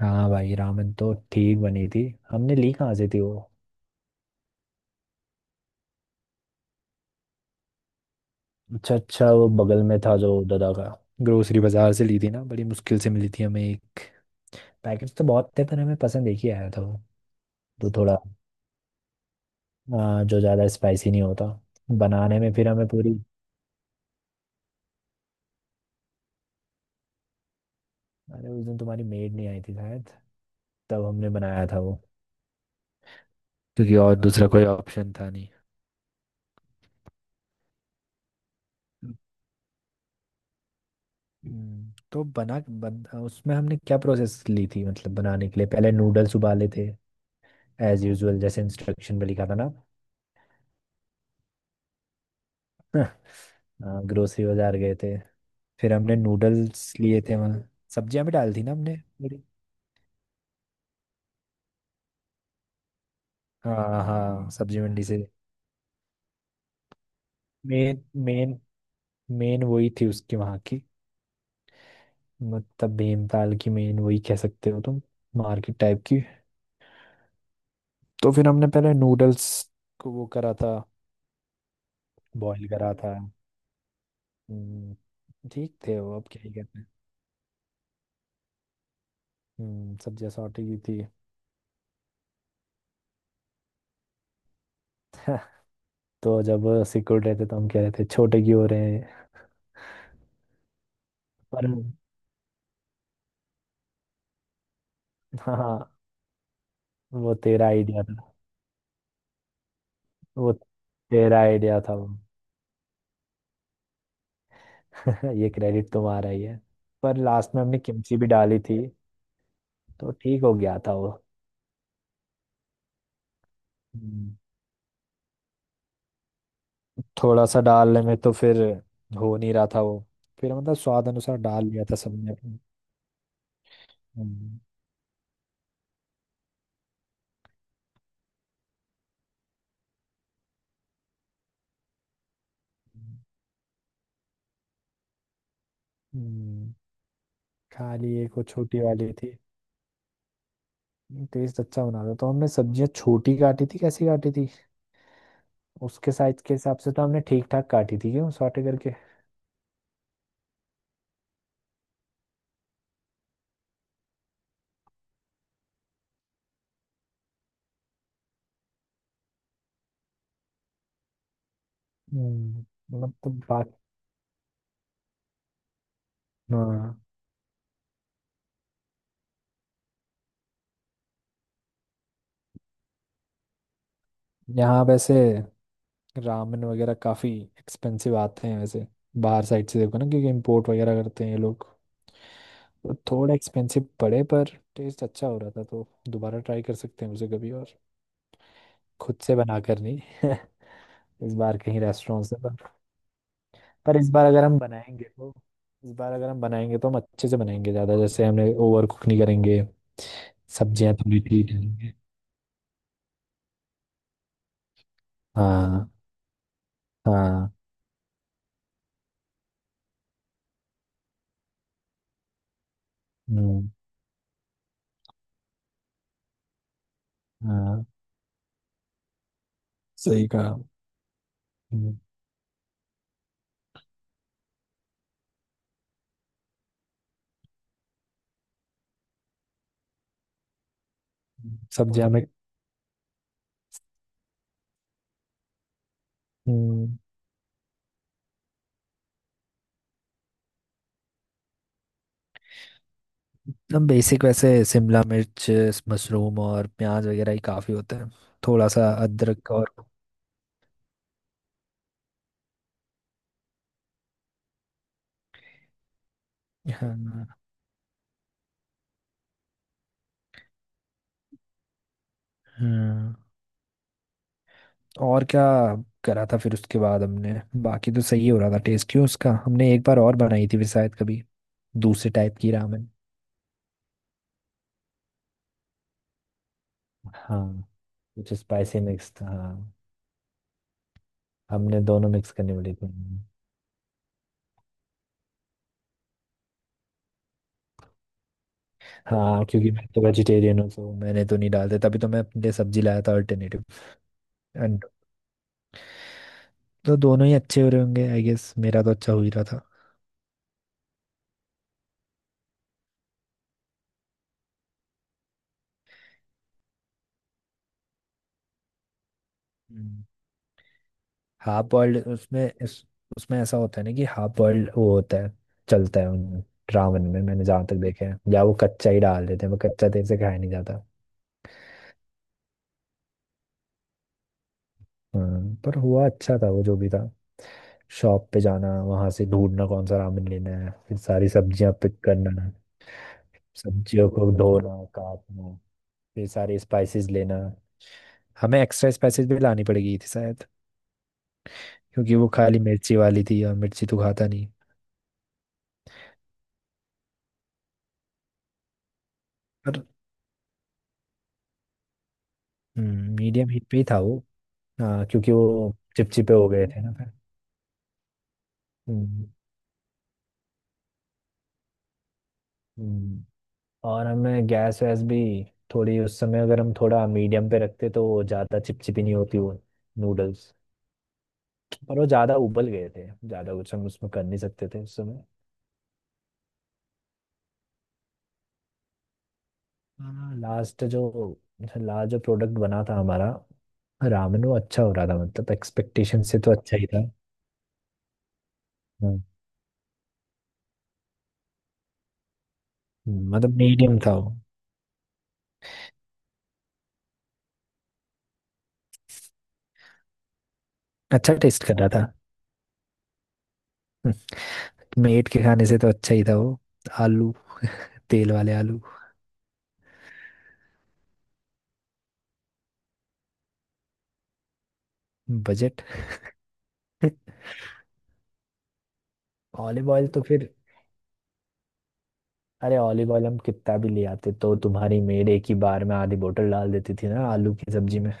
हाँ भाई, रामेन तो ठीक बनी थी। हमने ली कहाँ से थी वो? अच्छा अच्छा, वो बगल में था जो दादा का। ग्रोसरी बाजार से ली थी ना, बड़ी मुश्किल से मिली थी हमें। एक पैकेट तो बहुत थे पर हमें पसंद एक ही आया था वो। तो थोड़ा जो ज़्यादा स्पाइसी नहीं होता बनाने में। फिर हमें पूरी अरे उस दिन तुम्हारी मेड नहीं आई थी शायद, तब हमने बनाया था वो। क्योंकि और दूसरा कोई ऑप्शन था नहीं। तो उसमें हमने क्या प्रोसेस ली थी? मतलब बनाने के लिए पहले नूडल्स उबाले थे, एज यूजुअल जैसे इंस्ट्रक्शन में लिखा था ना। हाँ, ग्रोसरी बाजार गए थे, फिर हमने नूडल्स लिए थे वहाँ। सब्जियां भी डाल थी ना हमने, बड़ी। हाँ हाँ, सब्जी मंडी से। मेन मेन मेन वही थी उसकी, वहाँ की। मतलब भीमताल की मेन वही कह सकते हो तुम, मार्केट टाइप की। तो फिर हमने पहले नूडल्स को वो करा था, बॉईल करा था। ठीक थे वो, अब क्या ही कहते हैं। सब्जियां सॉटे की थी। तो जब सिकुड़ रहे थे तो हम कह रहे थे छोटे क्यों हो रहे हैं? पर हाँ, वो तेरा आइडिया था वो, तेरा आइडिया था वो। ये क्रेडिट तुम्हारा ही है। पर लास्ट में हमने किमची भी डाली थी, तो ठीक हो गया था वो। हम्म, थोड़ा सा डालने में तो फिर हो नहीं रहा था वो। फिर मतलब स्वाद अनुसार डाल लिया था सबने अपने। हम्म। हम्म, खाली एक वो छोटी वाली थी। टेस्ट अच्छा बना था। तो हमने सब्जियां छोटी काटी थी, कैसी काटी थी उसके साइज के हिसाब से, तो हमने ठीक ठाक काटी थी क्यों, सॉटे करके। हम्म, मतलब तो बाकी हाँ। यहाँ वैसे रामेन वगैरह काफ़ी एक्सपेंसिव आते हैं वैसे बाहर साइड से, देखो ना, क्योंकि इम्पोर्ट वगैरह करते हैं ये लोग। तो थोड़ा एक्सपेंसिव पड़े, पर टेस्ट अच्छा हो रहा था, तो दोबारा ट्राई कर सकते हैं उसे कभी। और खुद से बना कर नहीं, इस बार कहीं रेस्टोरेंट से पर इस बार अगर हम बनाएंगे तो, इस बार अगर हम बनाएंगे तो हम अच्छे से बनाएंगे। ज़्यादा जैसे हमने ओवर कुक नहीं करेंगे, सब्जियां थोड़ी ठीक रहेंगी। हाँ। हाँ। हम्म, हाँ, सही कहा। हम्म, सब्जियां हमें। हम्म, एकदम बेसिक वैसे शिमला मिर्च, मशरूम और प्याज वगैरह ही काफ़ी होता है, थोड़ा सा अदरक और। हाँ। हाँ, और क्या करा था फिर उसके बाद हमने। बाकी तो सही हो रहा था, टेस्ट क्यों उसका। हमने एक बार और बनाई थी फिर शायद कभी, दूसरे टाइप की रामेन। हाँ, कुछ स्पाइसी मिक्स था, हाँ। हमने दोनों मिक्स करनी पड़ी थी। हाँ, क्योंकि मैं तो वेजिटेरियन हूँ, तो मैंने तो नहीं डालते, तभी तो मैं अपने लिए सब्जी लाया था अल्टरनेटिव। तो दोनों ही अच्छे हो रहे होंगे, आई गेस। मेरा तो अच्छा हो ही रहा था। हम्म। हाफ बॉइल्ड उसमें उसमें ऐसा होता है ना कि हाफ बॉइल्ड वो होता है। चलता है उन रावण में, मैंने जहाँ तक देखा है। या वो कच्चा ही डाल देते हैं, वो कच्चा देर से खाया नहीं जाता। हाँ, पर हुआ अच्छा था वो, जो भी था। शॉप पे जाना, वहां से ढूंढना कौन सा रामेन लेना है, फिर सारी सब्जियां पिक करना, सब्जियों को धोना, काटना, फिर सारे स्पाइसेस लेना। हमें एक्स्ट्रा स्पाइसेस भी लानी पड़ेगी थी शायद, क्योंकि वो खाली मिर्ची वाली थी और मिर्ची तो खाता नहीं। पर मीडियम हीट पे ही था वो। हाँ, क्योंकि वो चिपचिपे हो गए थे ना फिर। हम्म। हम्म। और हमें गैस वैस भी थोड़ी, उस समय अगर हम थोड़ा मीडियम पे रखते तो वो ज़्यादा चिपचिपी नहीं होती, वो नूडल्स। पर वो ज़्यादा उबल गए थे, ज़्यादा कुछ हम उसमें कर नहीं सकते थे उस समय। हाँ, लास्ट जो, लास्ट जो प्रोडक्ट बना था हमारा, रामेन, वो अच्छा हो रहा था। मतलब एक्सपेक्टेशन से तो अच्छा ही था। हाँ। मतलब मीडियम था वो। अच्छा टेस्ट कर रहा था। मेट के खाने से तो अच्छा ही था वो। आलू, तेल वाले आलू। बजट। ऑलिव ऑयल तो फिर, अरे ऑलिव ऑयल हम कितना भी ले आते तो तुम्हारी मेड एक ही बार में आधी बोतल डाल देती थी ना आलू की सब्जी में,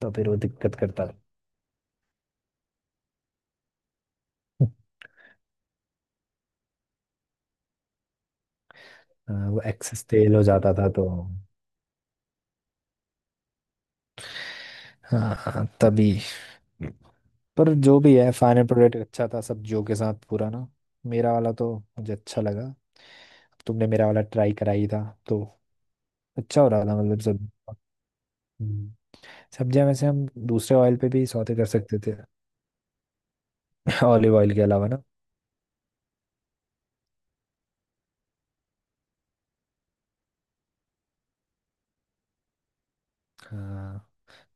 तो फिर वो दिक्कत करता था। हाँ, वो एक्सेस तेल हो जाता था तो। हाँ हाँ, तभी। पर जो भी है, फाइनल प्रोडक्ट अच्छा था सब्जियों के साथ पूरा ना। मेरा वाला तो मुझे अच्छा लगा, तुमने मेरा वाला ट्राई कराई था तो। अच्छा हो रहा था, मतलब सब। हम्म। सब्जियां वैसे हम दूसरे ऑयल पे भी सौते कर सकते थे, ऑलिव ऑयल के अलावा ना। हाँ,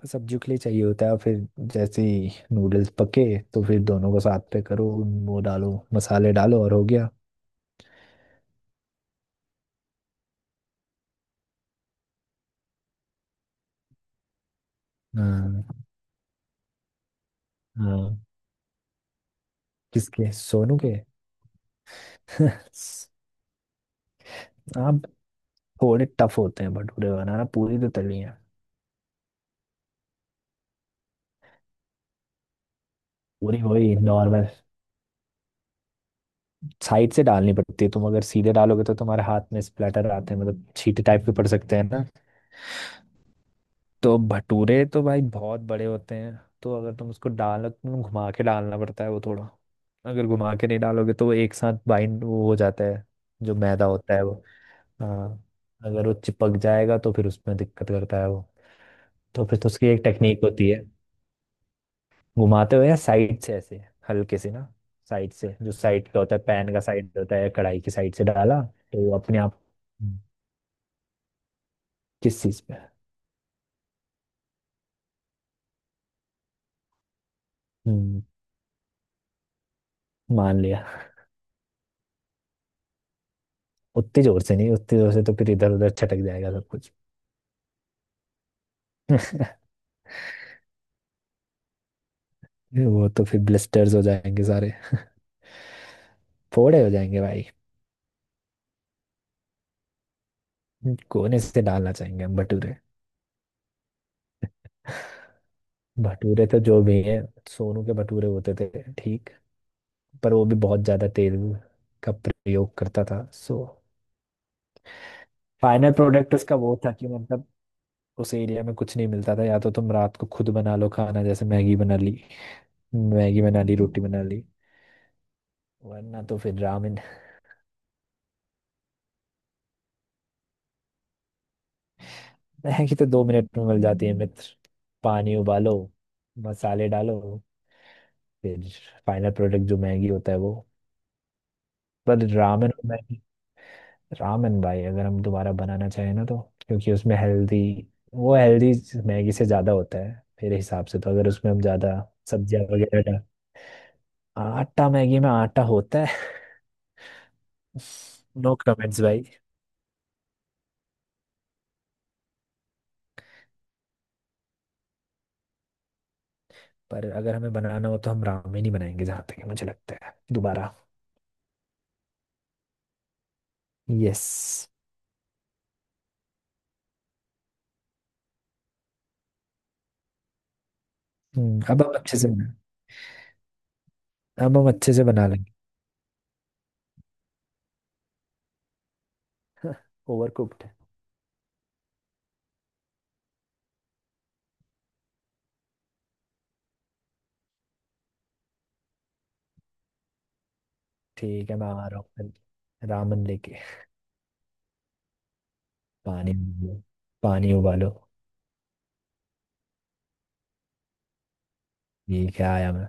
पर सब्जियों के लिए चाहिए होता है। और फिर जैसे ही नूडल्स पके, तो फिर दोनों को साथ पे करो, वो डालो मसाले डालो और हो गया। हाँ। हाँ, किसके, सोनू के? आप थोड़े टफ होते हैं भटूरे बनाना, पूरी तो तली है। पूरी वही नॉर्मल साइड से डालनी पड़ती है। तुम अगर सीधे डालोगे तो तुम्हारे हाथ में स्प्लैटर आते हैं, मतलब छींटे टाइप के पड़ सकते हैं। तो भटूरे तो भाई बहुत बड़े होते हैं, तो अगर तुम उसको डालो तुम घुमा के डालना पड़ता है वो थोड़ा। अगर घुमा के नहीं डालोगे तो वो एक साथ बाइंड वो हो जाता है, जो मैदा होता है वो। हाँ। अगर वो चिपक जाएगा तो फिर उसमें दिक्कत करता है वो। तो फिर तो उसकी एक टेक्निक होती है, घुमाते हुए या साइड से ऐसे हल्के से ना। साइड से, जो साइड का होता है, पैन का साइड होता है, कढ़ाई की साइड से डाला तो वो अपने आप। हम्म, किस चीज पे? हम्म, मान लिया। उतनी जोर से नहीं, उतनी जोर से तो फिर इधर उधर छटक जाएगा सब कुछ। ये वो तो फिर ब्लिस्टर्स हो जाएंगे सारे, फोड़े हो जाएंगे भाई। कोने से डालना चाहेंगे हम भटूरे। भटूरे तो जो भी है, सोनू के भटूरे होते थे ठीक, पर वो भी बहुत ज्यादा तेल का प्रयोग करता था, सो फाइनल प्रोडक्ट उसका वो था कि मतलब। उस एरिया में कुछ नहीं मिलता था, या तो तुम रात को खुद बना लो खाना, जैसे मैगी बना ली, मैगी बना ली, रोटी बना ली, वरना तो फिर रामेन। मैगी तो दो मिनट में मिल जाती है मित्र। पानी उबालो, मसाले डालो, फिर फाइनल प्रोडक्ट जो मैगी होता है वो। पर रामेन और मैगी, रामेन भाई अगर हम दोबारा बनाना चाहें ना तो, क्योंकि उसमें हेल्दी वो, हेल्दी मैगी से ज़्यादा होता है मेरे हिसाब से। तो अगर उसमें हम ज़्यादा सब्जियाँ वगैरह डाल। आटा मैगी में आटा होता है। नो कमेंट्स भाई। पर अगर हमें बनाना हो तो हम रामेन ही बनाएंगे, जहाँ तक मुझे लगता है, दोबारा। यस। अब हम अच्छे से बना अब हम अच्छे से बना लेंगे। Over cooked. ठीक है, मैं आ रहा हूँ, फिर रामन लेके। पानी, पानी उबालो। ये क्या आया मैं